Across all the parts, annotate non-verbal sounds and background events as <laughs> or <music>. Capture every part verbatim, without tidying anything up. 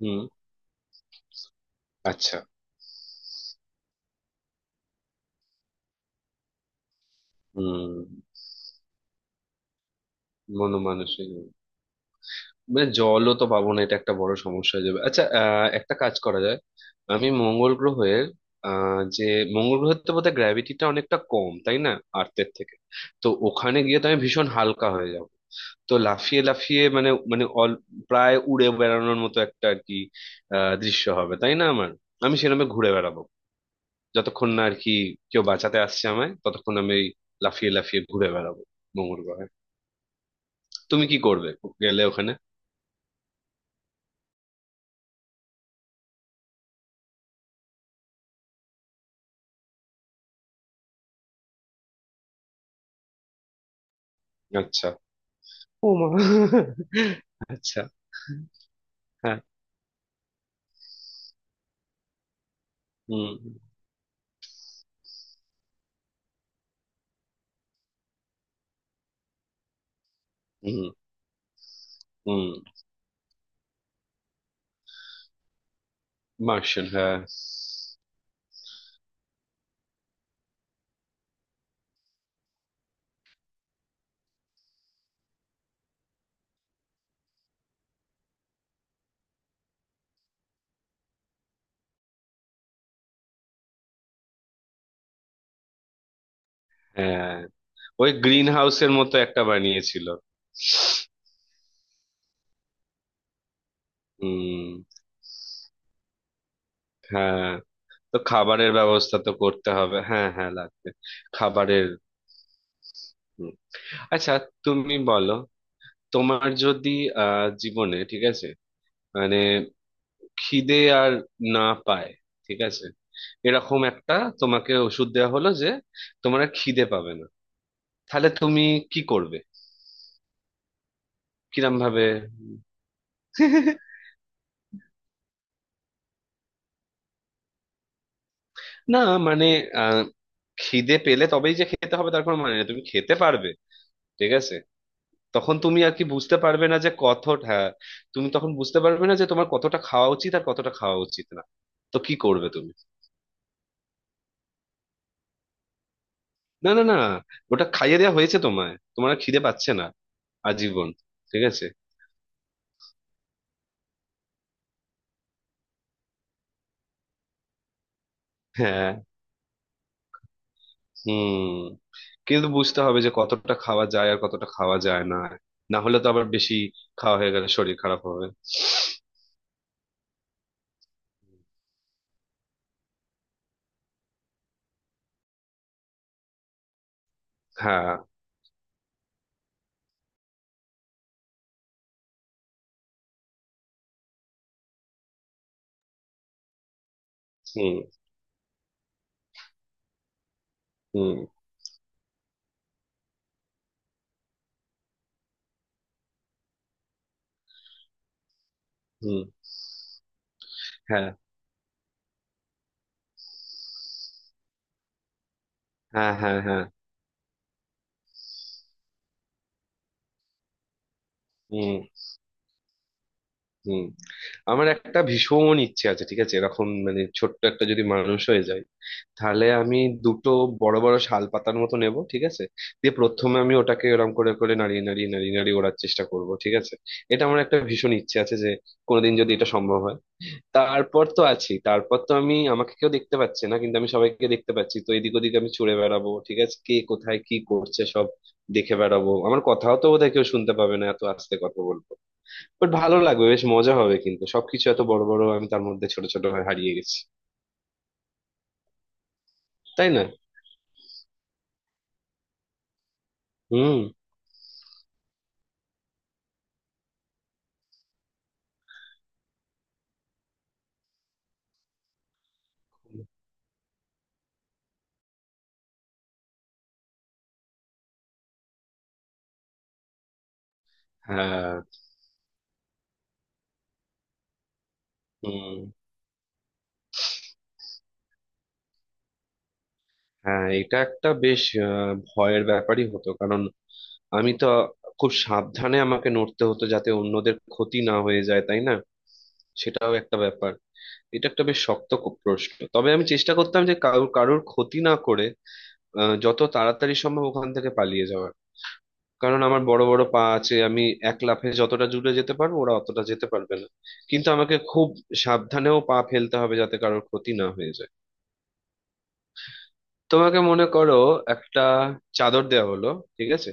হুম। আচ্ছা। হুম। মনমানসিক, মানে জলও তো পাবো না, এটা একটা বড় সমস্যা হয়ে যাবে। আচ্ছা, আহ, একটা কাজ করা যায়। আমি মঙ্গল গ্রহের আহ, যে মঙ্গল গ্রহের তো বোধহয় গ্র্যাভিটিটা অনেকটা কম, তাই না, আর্থের থেকে? তো ওখানে গিয়ে তো আমি ভীষণ হালকা হয়ে যাব। তো লাফিয়ে লাফিয়ে মানে মানে অল, প্রায় উড়ে বেড়ানোর মতো একটা আর কি আহ, দৃশ্য হবে, তাই না আমার? আমি সেরকম ঘুরে বেড়াবো যতক্ষণ না আর কি কেউ বাঁচাতে আসছে আমায়, ততক্ষণ আমি এই লাফিয়ে লাফিয়ে ঘুরে বেড়াবো মঙ্গল গ্রহে। তুমি কি করবে গেলে ওখানে? আচ্ছা। ও মা। আচ্ছা। হ্যাঁ। হুম। হুম। হুম। মার্শাল, হ্যাঁ। হ্যাঁ, ওই গ্রিন হাউসের মতো একটা বানিয়েছিল। হুম। হ্যাঁ, তো খাবারের ব্যবস্থা তো করতে হবে। হ্যাঁ হ্যাঁ লাগবে, খাবারের। হুম। আচ্ছা, তুমি বলো, তোমার যদি আহ জীবনে, ঠিক আছে, মানে খিদে আর না পায়, ঠিক আছে, এরকম একটা, তোমাকে ওষুধ দেওয়া হলো যে তোমার আর খিদে পাবে না, তাহলে তুমি কি করবে, কিরম ভাবে? <laughs> না, মানে আহ, খিদে পেলে তবেই যে খেতে হবে, তার কোনো মানে নেই, তুমি খেতে পারবে ঠিক আছে। তখন তুমি আর কি বুঝতে পারবে না যে কতটা, হ্যাঁ, তুমি তখন বুঝতে পারবে না যে তোমার কতটা খাওয়া উচিত আর কতটা খাওয়া উচিত না। তো কি করবে তুমি? না না না, ওটা খাইয়ে দেওয়া হয়েছে তোমায়, তোমার আর খিদে পাচ্ছে না, আজীবন। ঠিক আছে। হ্যাঁ। হুম। কিন্তু বুঝতে হবে যে কতটা খাওয়া যায় আর কতটা খাওয়া যায় না, না হলে তো আবার বেশি খাওয়া হয়ে গেলে শরীর খারাপ হবে। হ্যাঁ। হুম। হুম। হুম। হ্যাঁ হ্যাঁ হ্যাঁ। হ্যাঁ। হুম। হুম। আমার একটা ভীষণ ইচ্ছে আছে, ঠিক আছে, এরকম মানে ছোট্ট একটা যদি মানুষ হয়ে যায়, তাহলে আমি দুটো বড় বড় শাল পাতার মতো নেব, ঠিক আছে, দিয়ে প্রথমে আমি ওটাকে এরকম করে করে নাড়িয়ে নাড়িয়ে নাড়িয়ে নাড়িয়ে ওড়ার চেষ্টা করব, ঠিক আছে। এটা আমার একটা ভীষণ ইচ্ছে আছে যে কোনোদিন যদি এটা সম্ভব হয়। তারপর তো আছি, তারপর তো আমি, আমাকে কেউ দেখতে পাচ্ছে না কিন্তু আমি সবাইকে দেখতে পাচ্ছি, তো এদিক ওদিক আমি ছুড়ে বেড়াবো, ঠিক আছে, কে কোথায় কি করছে সব দেখে বেড়াবো। আমার কথাও তো বোধহয় কেউ শুনতে পাবে না, এত আস্তে কথা বলবো। বাট ভালো লাগবে, বেশ মজা হবে, কিন্তু সবকিছু এত বড় বড়, আমি তার মধ্যে ছোট ছোট হয়ে হারিয়ে গেছি, তাই না? হুম। হ্যাঁ। হুম। হ্যাঁ, এটা একটা বেশ আহ, ভয়ের ব্যাপারই হতো, কারণ আমি তো খুব সাবধানে আমাকে নড়তে হতো যাতে অন্যদের ক্ষতি না হয়ে যায়, তাই না, সেটাও একটা ব্যাপার। এটা একটা বেশ শক্ত ক- প্রশ্ন। তবে আমি চেষ্টা করতাম যে কারোর কারোর ক্ষতি না করে আহ, যত তাড়াতাড়ি সম্ভব ওখান থেকে পালিয়ে যাওয়ার। কারণ আমার বড় বড় পা আছে, আমি এক লাফে যতটা জুড়ে যেতে পারবো ওরা অতটা যেতে পারবে না। কিন্তু আমাকে খুব সাবধানেও পা ফেলতে হবে যাতে কারোর ক্ষতি না হয়ে যায়। তোমাকে মনে করো একটা চাদর দেওয়া হলো, ঠিক আছে,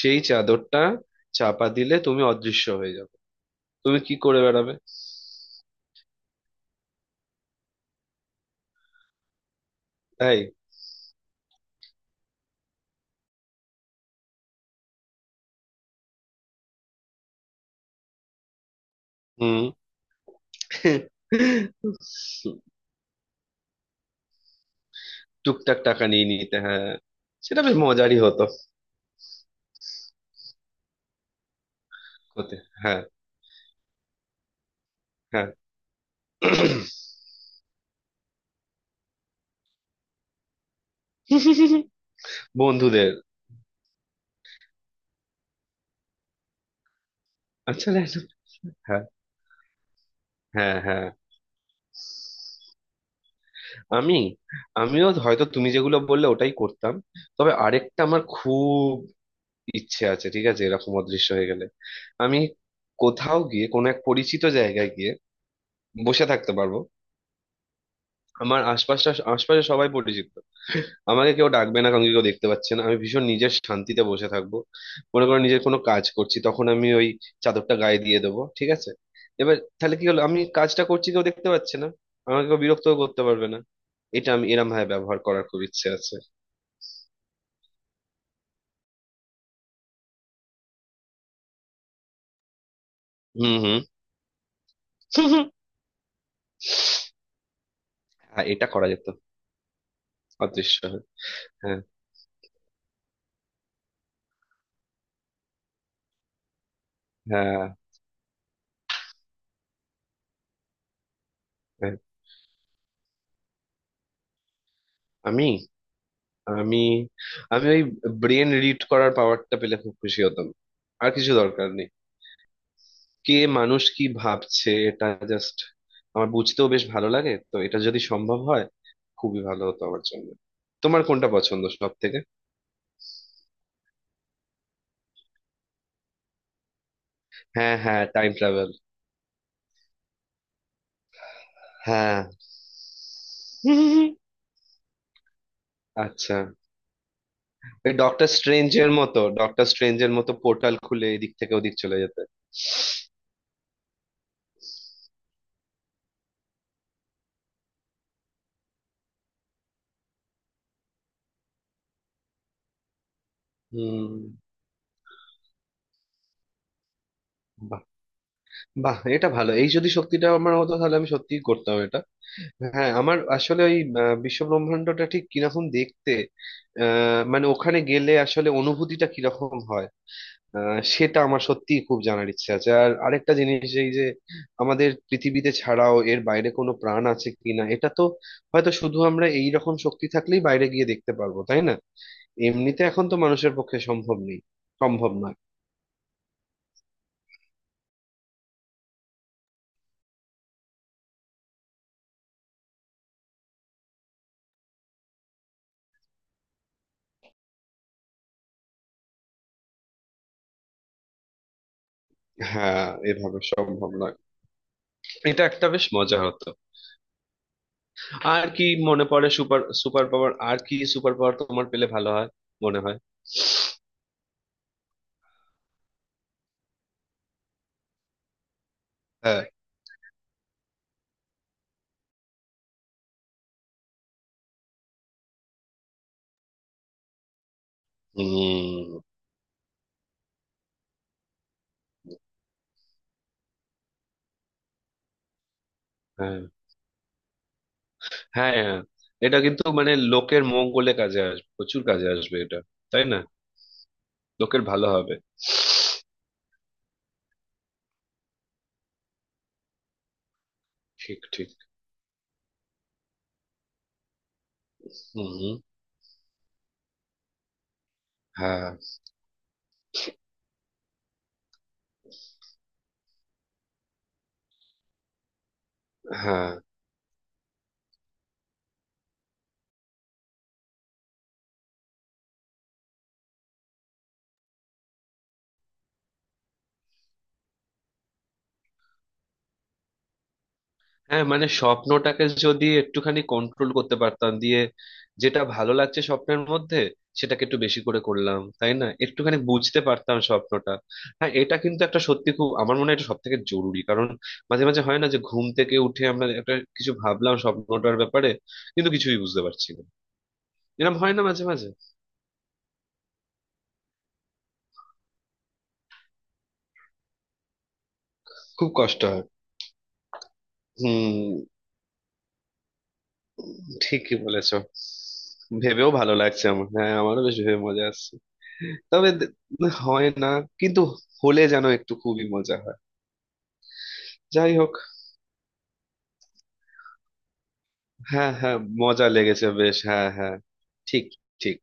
সেই চাদরটা চাপা দিলে তুমি অদৃশ্য হয়ে যাবে, তুমি কি করে বেড়াবে? তাই? হুম। <laughs> টুকটাক টাকা নিয়ে নিতে, হ্যাঁ। সেটা বেশ মজারই হতো। হতে। হ্যাঁ। হ্যাঁ। <laughs> বন্ধুদের। আচ্ছা, দেখো। হ্যাঁ হ্যাঁ হ্যাঁ। আমি, আমিও হয়তো তুমি যেগুলো বললে ওটাই করতাম। তবে আরেকটা আমার খুব ইচ্ছে আছে, ঠিক আছে, এরকম অদৃশ্য হয়ে গেলে আমি কোথাও গিয়ে কোনো এক পরিচিত জায়গায় গিয়ে বসে থাকতে পারবো। আমার আশপাশটা, আশপাশে সবাই পরিচিত, আমাকে কেউ ডাকবে না, কাউকে কেউ দেখতে পাচ্ছে না, আমি ভীষণ নিজের শান্তিতে বসে থাকবো। মনে করো নিজের কোনো কাজ করছি, তখন আমি ওই চাদরটা গায়ে দিয়ে দেবো, ঠিক আছে, এবার তাহলে কি হলো, আমি কাজটা করছি, কেউ দেখতে পাচ্ছে না, আমাকে কেউ বিরক্তও করতে পারবে না। এটা আমি এরম ভাবে ব্যবহার করার খুব ইচ্ছে আছে। হুম। হুম। <laughs> হ্যাঁ, এটা করা যেত, অদৃশ্য হয়ে। হ্যাঁ। হ্যাঁ। হ্যাঁ। আমি আমি আমি ওই ব্রেন রিড করার পাওয়ারটা পেলে খুব খুশি হতাম। আর কিছু দরকার নেই। কে, মানুষ কি ভাবছে, এটা জাস্ট আমার বুঝতেও বেশ ভালো লাগে, তো এটা যদি সম্ভব হয় খুবই ভালো হতো আমার জন্য। তোমার কোনটা পছন্দ সব থেকে? হ্যাঁ হ্যাঁ, টাইম ট্রাভেল। হ্যাঁ। আচ্ছা, ওই ডক্টর স্ট্রেঞ্জের মতো, ডক্টর স্ট্রেঞ্জের মতো পোর্টাল খুলে এদিক থেকে ওদিক চলে যেতে। হুম। বাহ, এটা ভালো। এই যদি শক্তিটা আমার হতো তাহলে আমি সত্যিই করতাম এটা। হ্যাঁ, আমার আসলে ওই আহ, বিশ্বব্রহ্মাণ্ডটা ঠিক কিরকম দেখতে, আহ, মানে ওখানে গেলে আসলে অনুভূতিটা কিরকম হয়, আহ, সেটা আমার সত্যিই খুব জানার ইচ্ছে আছে। আর আরেকটা জিনিস, এই যে আমাদের পৃথিবীতে ছাড়াও এর বাইরে কোনো প্রাণ আছে কিনা, এটা তো হয়তো শুধু আমরা এই রকম শক্তি থাকলেই বাইরে গিয়ে দেখতে পারবো, তাই না? এমনিতে এখন তো মানুষের পক্ষে সম্ভব নেই, সম্ভব নয়। হ্যাঁ, এভাবে সম্ভব নয়। এটা একটা বেশ মজা হতো। আর কি মনে পড়ে, সুপার সুপার পাওয়ার, আর কি সুপার পাওয়ার তোমার পেলে ভালো হয় মনে হয়? হ্যাঁ। উম, হ্যাঁ হ্যাঁ হ্যাঁ। এটা কিন্তু মানে লোকের মঙ্গলে কাজে আসবে, প্রচুর কাজে আসবে এটা, তাই না? লোকের ভালো হবে। ঠিক ঠিক। হম। হ্যাঁ হ্যাঁ হ্যাঁ, মানে স্বপ্নটাকে যদি একটুখানি কন্ট্রোল করতে পারতাম, দিয়ে যেটা ভালো লাগছে স্বপ্নের মধ্যে সেটাকে একটু বেশি করে করলাম, তাই না, একটুখানি বুঝতে পারতাম স্বপ্নটা। হ্যাঁ, এটা কিন্তু একটা সত্যি, খুব, আমার মনে হয় এটা সব থেকে জরুরি, কারণ মাঝে মাঝে হয় না যে ঘুম থেকে উঠে আমরা একটা কিছু ভাবলাম স্বপ্নটার ব্যাপারে কিন্তু কিছুই বুঝতে পারছি না, এরকম হয় না মাঝে মাঝে? খুব কষ্ট হয়। হুম। ঠিকই বলেছো। ভেবেও ভালো লাগছে আমার, হ্যাঁ, আমারও বেশ ভেবে মজা আসছে। তবে দে- হয় না কিন্তু, হলে যেন একটু খুবই মজা হয়। যাই হোক। হ্যাঁ হ্যাঁ, মজা লেগেছে বেশ, হ্যাঁ হ্যাঁ। ঠিক। ঠিক।